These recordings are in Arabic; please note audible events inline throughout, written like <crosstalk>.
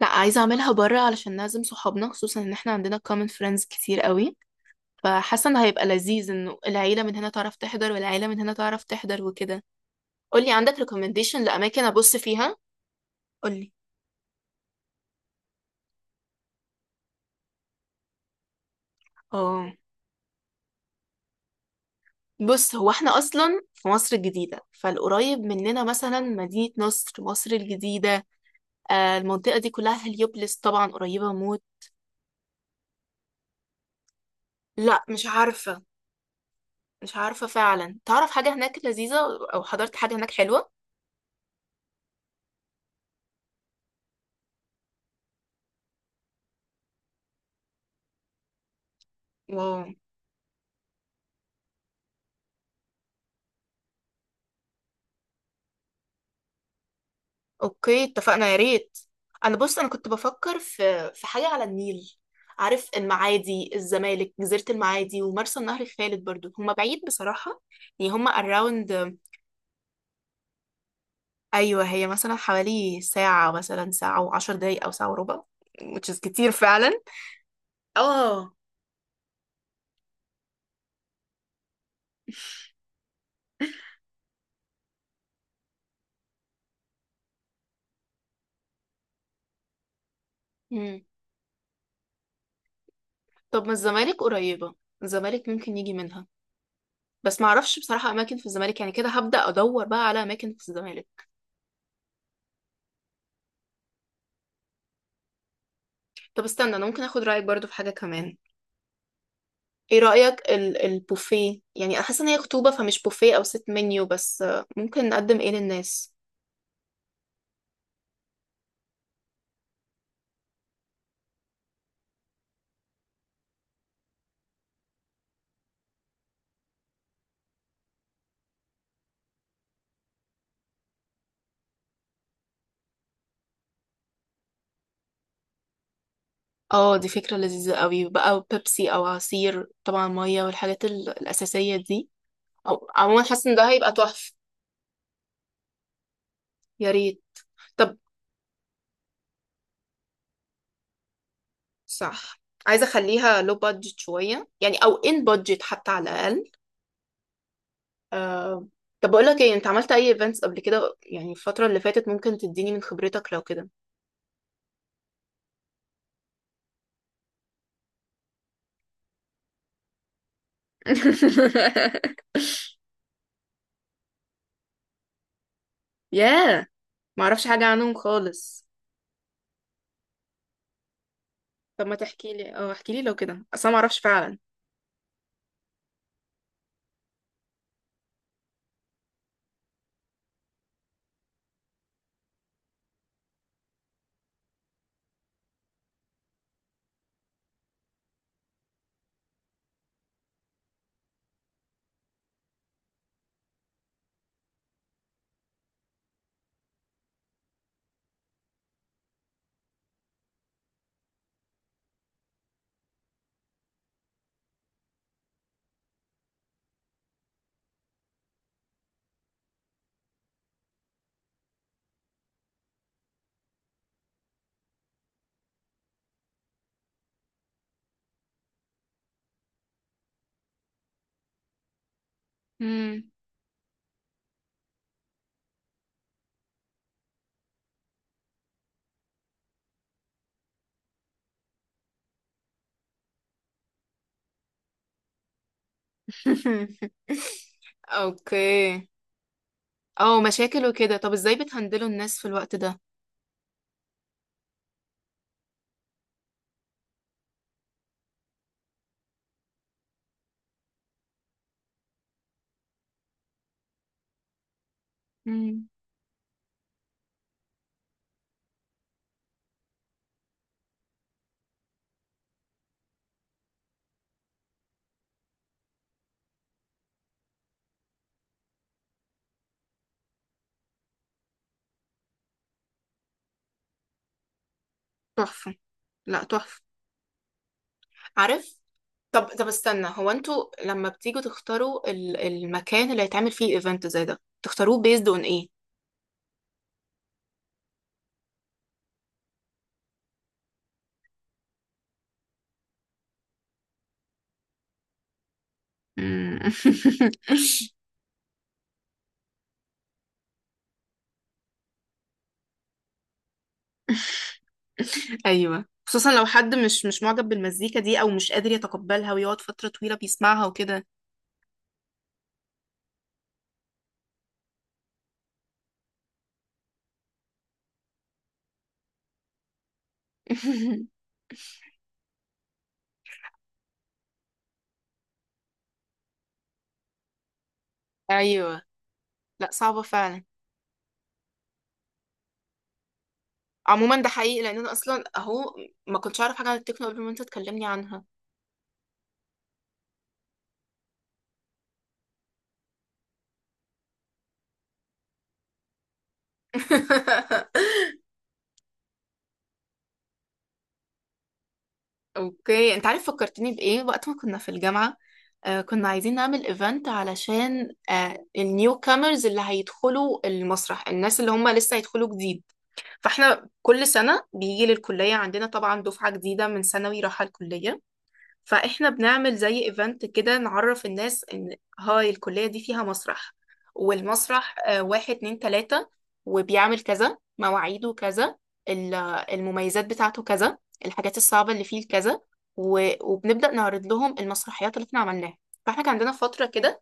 لا، عايزة اعملها بره علشان نعزم صحابنا، خصوصا ان احنا عندنا common friends كتير قوي. فحاسة ان هيبقى لذيذ انه العيلة من هنا تعرف تحضر، والعيلة من هنا تعرف تحضر وكده. قولي عندك recommendation لأماكن ابص فيها. قولي. اه، بص، هو احنا اصلا في مصر الجديدة، فالقريب مننا مثلا مدينة نصر، مصر الجديدة. المنطقة دي كلها هليوبلس، طبعا قريبة موت. لا، مش عارفة. مش عارفة فعلا، تعرف حاجة هناك لذيذة، او حضرت حاجة هناك حلوة؟ واو. اوكي، اتفقنا، يا ريت. انا بص، انا كنت بفكر في حاجه على النيل. عارف المعادي، الزمالك، جزيره المعادي، ومرسى النهر الخالد، برضو هما بعيد بصراحه. يعني هما اراوند. ايوه، هي مثلا حوالي ساعه، مثلا ساعه وعشر دقايق او ساعه وربع، which is كتير فعلا. اه. <laughs> مم. طب ما الزمالك قريبه، الزمالك ممكن يجي منها. بس معرفش بصراحه اماكن في الزمالك، يعني كده هبدا ادور بقى على اماكن في الزمالك. طب استنى، انا ممكن اخد رايك برضو في حاجه كمان. ايه رأيك البوفيه؟ يعني انا حاسه ان هي خطوبة، فمش بوفيه او ست منيو، بس ممكن نقدم ايه للناس؟ اه دي فكرة لذيذة قوي بقى، بيبسي او عصير طبعا، مية، والحاجات الأساسية دي. او عموما حاسه ان ده هيبقى تحفة. يا ريت. طب. صح. عايزة اخليها لو بادجت شوية، يعني او ان بادجت حتى على الأقل. آه. طب بقول لك ايه، انت عملت اي ايفنتس قبل كده؟ يعني الفترة اللي فاتت، ممكن تديني من خبرتك لو كده. <laughs> ياه. معرفش حاجة عنهم خالص. طب ما تحكي لي، اه احكي لي لو كده، اصلا ما اعرفش فعلا. مم. <laughs> اوكي. اه، مشاكل وكده، طب ازاي بتهندلوا الناس في الوقت ده؟ مم. تحفة. لا، تحفة. عارف. طب استنى، هو انتوا لما بتيجوا تختاروا المكان اللي هيتعمل فيه ايفنت زي ده، تختاروه بيزد اون ايه؟ مم. <laughs> ايوه، خصوصا لو حد مش معجب بالمزيكا دي، او مش قادر يتقبلها ويقعد فترة طويلة بيسمعها وكده. <laughs> ايوه. لا، صعبة فعلا. عموما ده حقيقي، لان انا اصلا اهو ما كنتش اعرف حاجة عن التكنو قبل ما انت تكلمني عنها. <laughs> اوكي. انت عارف فكرتني بايه؟ وقت ما كنا في الجامعة، آه كنا عايزين نعمل ايفنت علشان آه النيو كامرز اللي هيدخلوا المسرح، الناس اللي هم لسه هيدخلوا جديد. فاحنا كل سنة بيجي للكلية عندنا طبعا دفعة جديدة من ثانوي رايحة الكلية، فاحنا بنعمل زي ايفنت كده نعرف الناس ان هاي الكلية دي فيها مسرح، والمسرح واحد اتنين تلاتة، وبيعمل كذا، مواعيده كذا، ال- المميزات بتاعته كذا، الحاجات الصعبة اللي فيه كذا، وبنبدأ نعرض لهم المسرحيات اللي احنا عملناها. فاحنا كان عندنا فترة كده،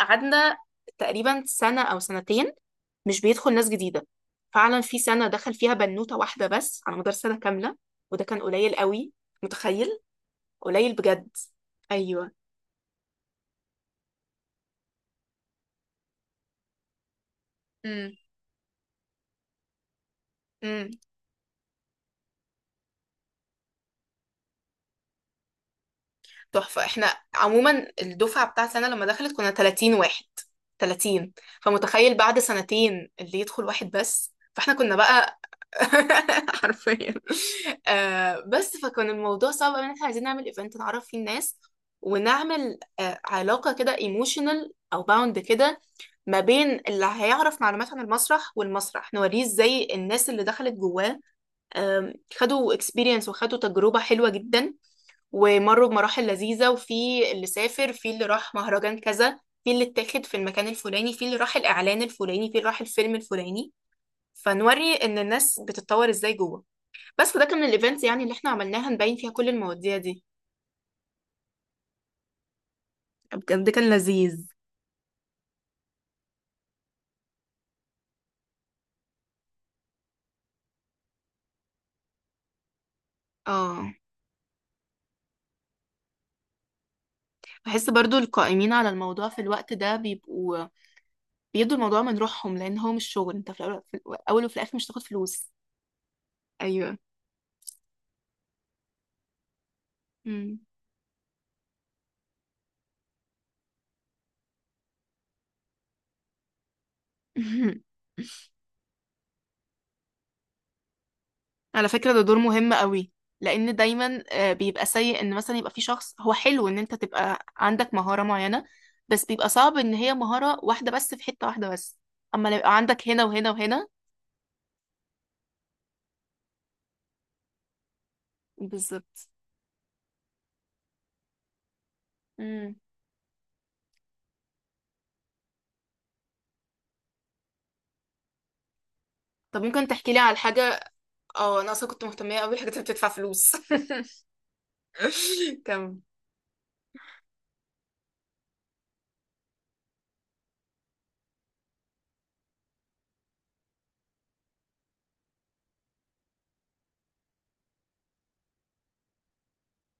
قعدنا تقريبا سنة أو سنتين مش بيدخل ناس جديدة. فعلا في سنة دخل فيها بنوتة واحدة بس على مدار سنة كاملة، وده كان قليل قوي. متخيل، قليل بجد. ايوه. امم. امم. تحفة. احنا عموما الدفعة بتاعتي انا لما دخلت كنا 30 واحد، 30. فمتخيل بعد سنتين اللي يدخل واحد بس، فاحنا كنا بقى. <laughs> حرفيا. آه. بس فكان الموضوع صعب أوي، ان احنا عايزين نعمل ايفنت نعرف فيه الناس، ونعمل آه علاقة كده ايموشنال او باوند كده ما بين اللي هيعرف معلومات عن المسرح، والمسرح نوريه ازاي الناس اللي دخلت جواه آم، خدوا اكسبيرينس وخدوا تجربة حلوة جدا، ومروا بمراحل لذيذة. وفي اللي سافر، في اللي راح مهرجان كذا، في اللي اتاخد في المكان الفلاني، في اللي راح الإعلان الفلاني، في اللي راح الفيلم الفلاني. فنوري إن الناس بتتطور إزاي جوه. بس ده كان من الإيفنتس يعني اللي احنا عملناها نبين فيها كل المواضيع دي. بجد كان لذيذ. اه، بحس برضو القائمين على الموضوع في الوقت ده بيبقوا بيدوا الموضوع من روحهم، لأن هو مش شغل، انت في الأول، في الأول وفي الآخر مش تاخد فلوس. أيوه. مم. <laughs> على فكرة ده دور مهم قوي. لأن دايما بيبقى سيء إن مثلا يبقى في شخص، هو حلو إن أنت تبقى عندك مهارة معينة، بس بيبقى صعب إن هي مهارة واحدة بس في حتة واحدة بس. أما لو يبقى عندك هنا وهنا وهنا. بالظبط. مم. طب ممكن تحكي لي على حاجة؟ اه أنا أصلا كنت مهتمة قوي بالحاجات اللي بتدفع فلوس. <laughs> كم؟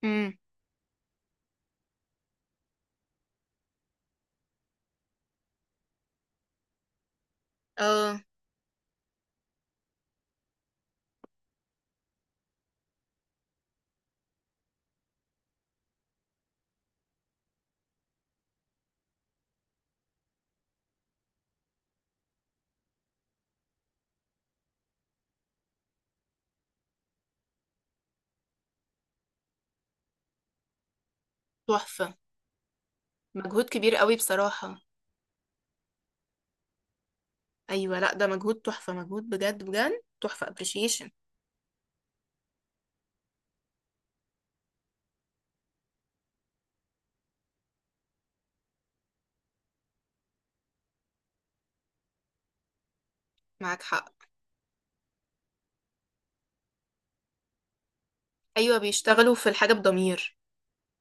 امم. اه تحفة. مجهود كبير قوي بصراحة. أيوة، لأ ده مجهود تحفة، مجهود بجد بجد تحفة، appreciation. معاك حق. أيوة، بيشتغلوا في الحاجة بضمير.